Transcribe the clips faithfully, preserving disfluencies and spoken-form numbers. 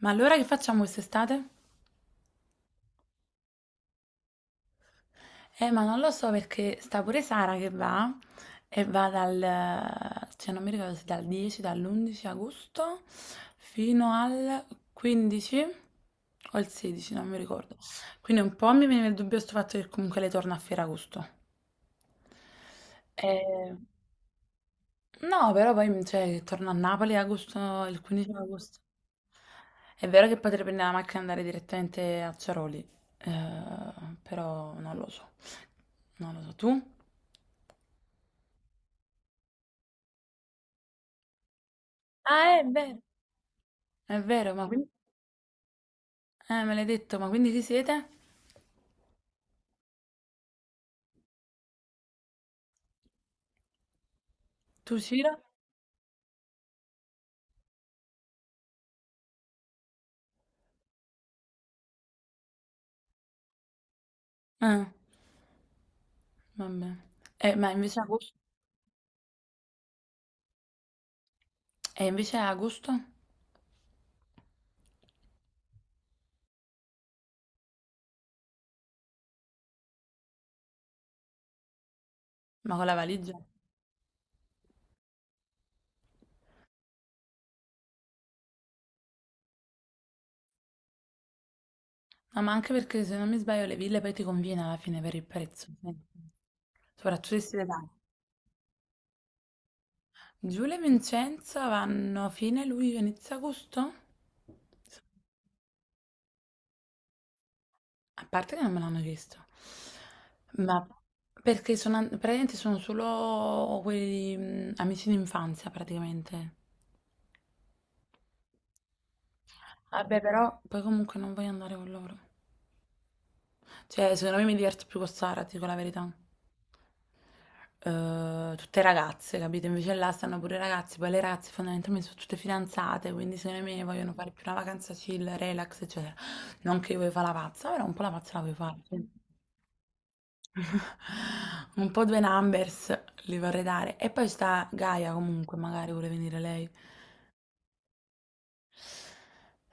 Ma allora che facciamo quest'estate? Eh, ma non lo so perché sta pure Sara che va e va dal, cioè non mi ricordo se dal dieci, dall'undici agosto fino al quindici o il sedici, non mi ricordo. Quindi un po' mi viene il dubbio sto fatto che comunque lei torna a Ferragosto. Eh, No, però poi mhmm, cioè, torno a Napoli agosto, il quindici agosto. È vero che potrei prendere la macchina e andare direttamente a Ciaroli, eh, però non lo so. Non lo so. Tu? Ah, è vero. È vero, ma quindi. Eh, me l'hai detto, ma quindi chi siete? Tu, Cira? Eh, vabbè. Eh, ma invece agosto? E invece agosto? Ma con la valigia? No, ma anche perché se non mi sbaglio le ville poi ti conviene alla fine per il prezzo, eh. Soprattutto se siete tanti. Giulia e Vincenzo vanno fine luglio, inizio agosto? A parte che non me l'hanno chiesto, ma perché sono, an- praticamente sono solo quelli mm, amici d'infanzia praticamente. Vabbè, però poi comunque non voglio andare con loro. Cioè, secondo me mi diverto più con Sara, ti dico la verità. Eh, tutte ragazze, capito? Invece là stanno pure i ragazzi, poi le ragazze fondamentalmente sono tutte fidanzate, quindi secondo me vogliono fare più una vacanza chill, relax, eccetera. Non che io voglio fare la pazza, però un po' la pazza la voglio fare. Sì. Un po' due numbers li vorrei dare. E poi sta Gaia comunque, magari vuole venire lei.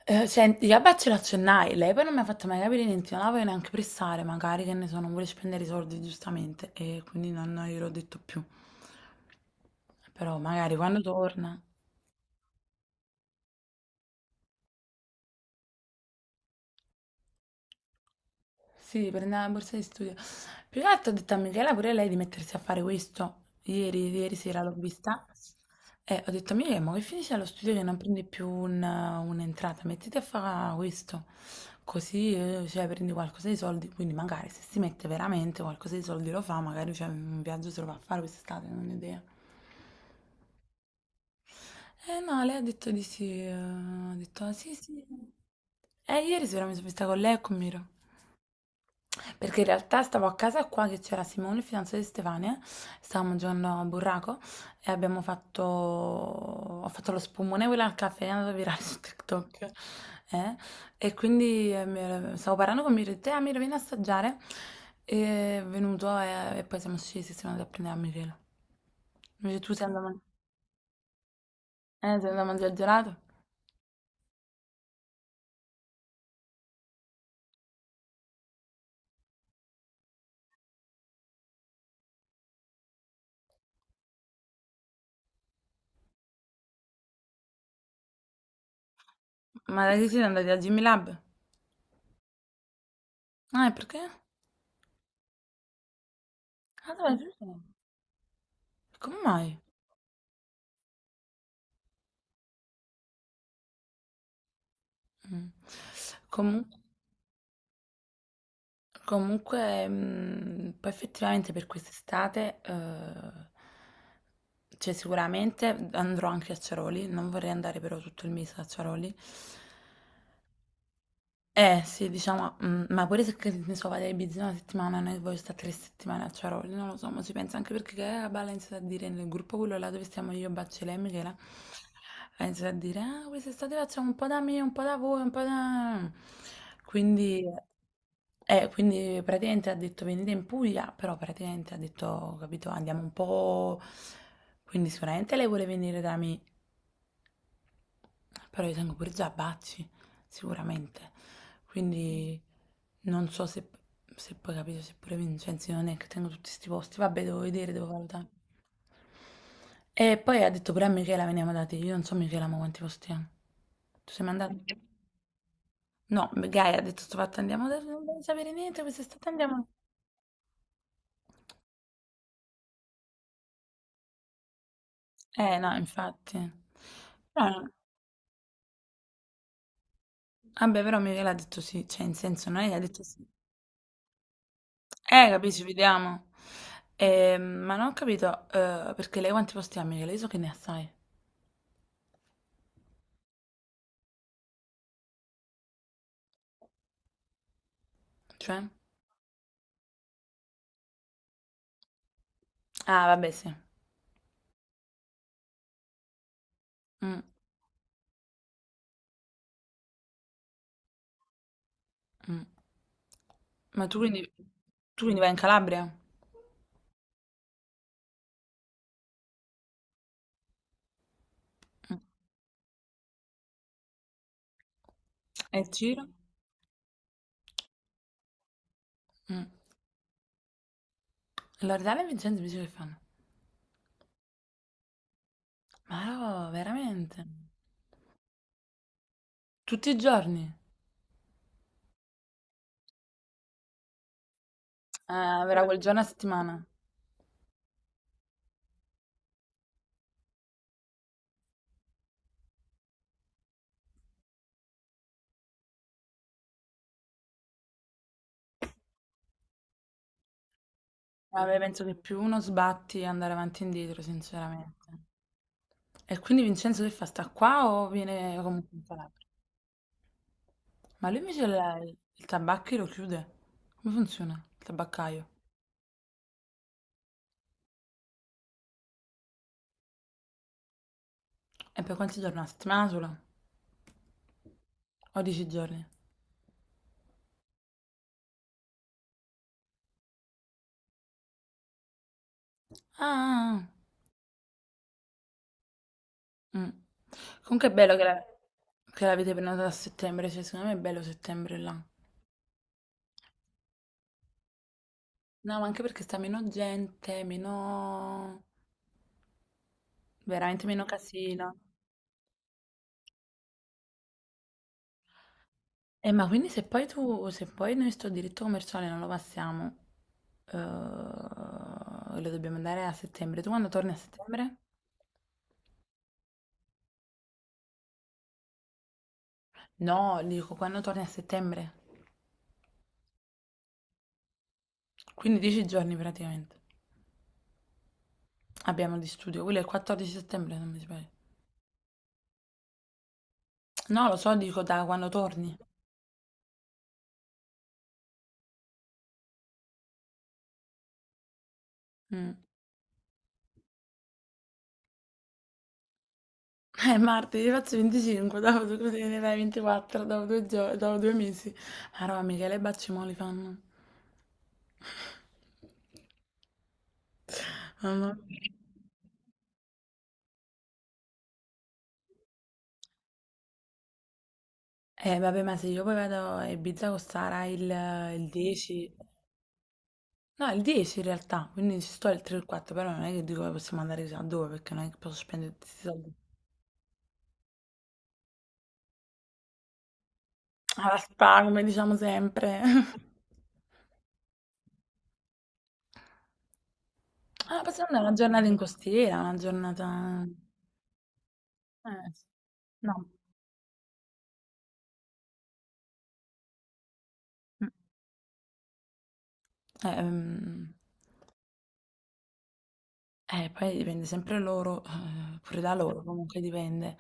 Eh, senti, vabbè, ce l'accennai. Lei poi non mi ha fatto mai capire niente, non la voglio neanche pressare, magari che ne so, non vuole spendere i soldi giustamente e quindi non gliel'ho detto più. Però magari quando torna. Sì, prendeva la borsa di studio. Più che altro ho detto a Michela pure lei di mettersi a fare questo. Ieri, ieri sera l'ho vista. E ho detto a Michela, ma che finisce allo studio che non prendi più un- un'entrata, mettiti a fare questo. Così, eh, cioè, prendi qualcosa di soldi. Quindi magari se si mette veramente qualcosa di soldi lo fa, magari cioè, un viaggio se lo va a fare quest'estate, non ho idea. Eh no, lei ha detto di sì. eh, Ha detto, "Ah, sì, sì." E ieri sera mi sono vista con lei e con Miro. Perché in realtà stavo a casa qua che c'era Simone, il fidanzato di Stefania, stavamo giocando a burraco e abbiamo fatto... ho fatto lo spumone quello al caffè, è andato virale su TikTok. eh. E quindi eh, mi- stavo parlando con mio e ho detto, ah, Miro, vieni a assaggiare. E è venuto e, e poi siamo scesi, e siamo andati a prendere a Michele. Invece tu sei andato a, man- eh, sei andato a mangiare il gelato? Ma da che siete andati a Jimmy Lab? Ah, e perché? Ah, dove come mai? Mm. Comunque. Comunque, mh, poi effettivamente per quest'estate, eh, cioè sicuramente andrò anche a Ciaroli, non vorrei andare però tutto il mese a Ciaroli, eh sì, diciamo, mm, ma pure se che ne so, vado a Ibiza una settimana, non è che voglio stare tre settimane a Ciaroli, non lo so, ma si pensa anche perché che la balla ha iniziato a dire nel gruppo quello là dove stiamo io, Baccele e lei, Michela, ha iniziato a dire, ah, quest'estate facciamo un po' da me, un po' da voi, un po' da. Quindi, eh, quindi praticamente ha detto venite in Puglia, però praticamente ha detto, capito, andiamo un po'. Quindi sicuramente lei vuole venire da me, però io tengo pure Giabacci, sicuramente. Quindi non so se, se poi capito, se pure Vincenzi non è che tengo tutti questi posti. Vabbè, devo vedere, devo valutare. E poi ha detto pure a Michela veniamo da te. Io non so Michela ma quanti posti ha. Tu sei mai andato? No, Gaia ha detto sto fatto andiamo da te, non voglio sapere niente, quest'estate andiamo. Eh no, infatti. Però- Vabbè, però Michela ha detto sì, cioè in senso non è che ha detto sì. Eh, capisci, vediamo. Ehm, ma non ho capito, eh, perché lei quanti posti ha, Michele? Io so che ne ha, sai. Cioè? Ah, vabbè, sì. Mm, mm. Ma tu quindi, tu quindi vai in Calabria? Mm. E il giro? Mm. Loredana e Vincenzo mi dice che fanno. Ma no, veramente? Tutti i giorni? Eh, avrà quel giorno a settimana. Vabbè, penso che più uno sbatti andare avanti e indietro, sinceramente. E quindi Vincenzo che fa? Sta qua o viene comunque in Calabria? Ma lui invece il, il tabacchi lo chiude? Come funziona il tabaccaio? E per quanti giorni? Una settimana sola? O dieci giorni? Ah, ah, ah. Mm. Comunque è bello che la- che l'avete prenotata a settembre, cioè secondo me è bello settembre là. No, ma anche perché sta meno gente, meno, veramente meno casino. Eh, ma quindi se poi tu, se poi noi sto diritto commerciale non lo passiamo, eh, lo dobbiamo andare a settembre. Tu quando torni a settembre? No, dico quando torni a settembre. Quindi dieci giorni praticamente abbiamo di studio. Quello è il quattordici settembre, non mi sbaglio. No, lo so, dico da quando torni. Mm. Eh, martedì faccio venticinque, dopo tu così ne fai ventiquattro, dopo due, gio- dopo due mesi. Ma roba, Michele Baccimoli fanno. Mamma mia. Eh, vabbè, ma se io poi vado a Ibiza con Sara il, il dieci. No, il dieci in realtà, quindi ci sto il tre e il quattro, però non è che dico che possiamo andare chissà dove, perché non è che posso spendere tutti i soldi. Alla spa, come diciamo sempre. Ah, possiamo andare una giornata in costiera, una giornata. Eh, sì. No. Mm. Eh, ehm, eh, poi dipende sempre loro, eh, pure da loro, comunque dipende.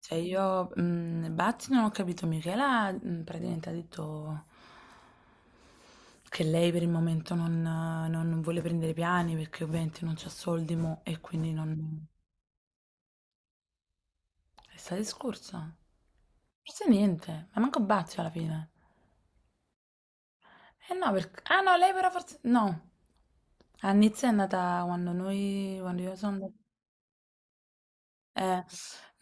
Cioè io, mm, Batti non ho capito, Michela mm, praticamente ha detto che lei per il momento non, non vuole prendere piani perché ovviamente non c'ha soldi mo e quindi non. L'estate scorsa? Forse niente, ma manco Bazzi alla fine. Eh no, perché. Ah no, lei però forse. No. A Nizza è andata quando noi, quando io sono andata. Eh,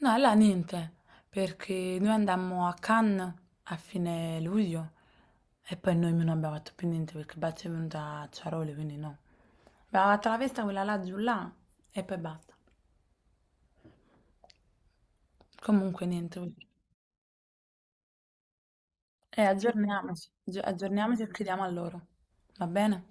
no, là niente, perché noi andammo a Cannes a fine luglio e poi noi non abbiamo fatto più niente perché Bazzi è venuta a Ciaroli, quindi no. Abbiamo fatto la festa quella là giù là e poi basta. Comunque niente. E aggiorniamoci, aggi- aggiorniamoci e chiediamo a loro. Va bene?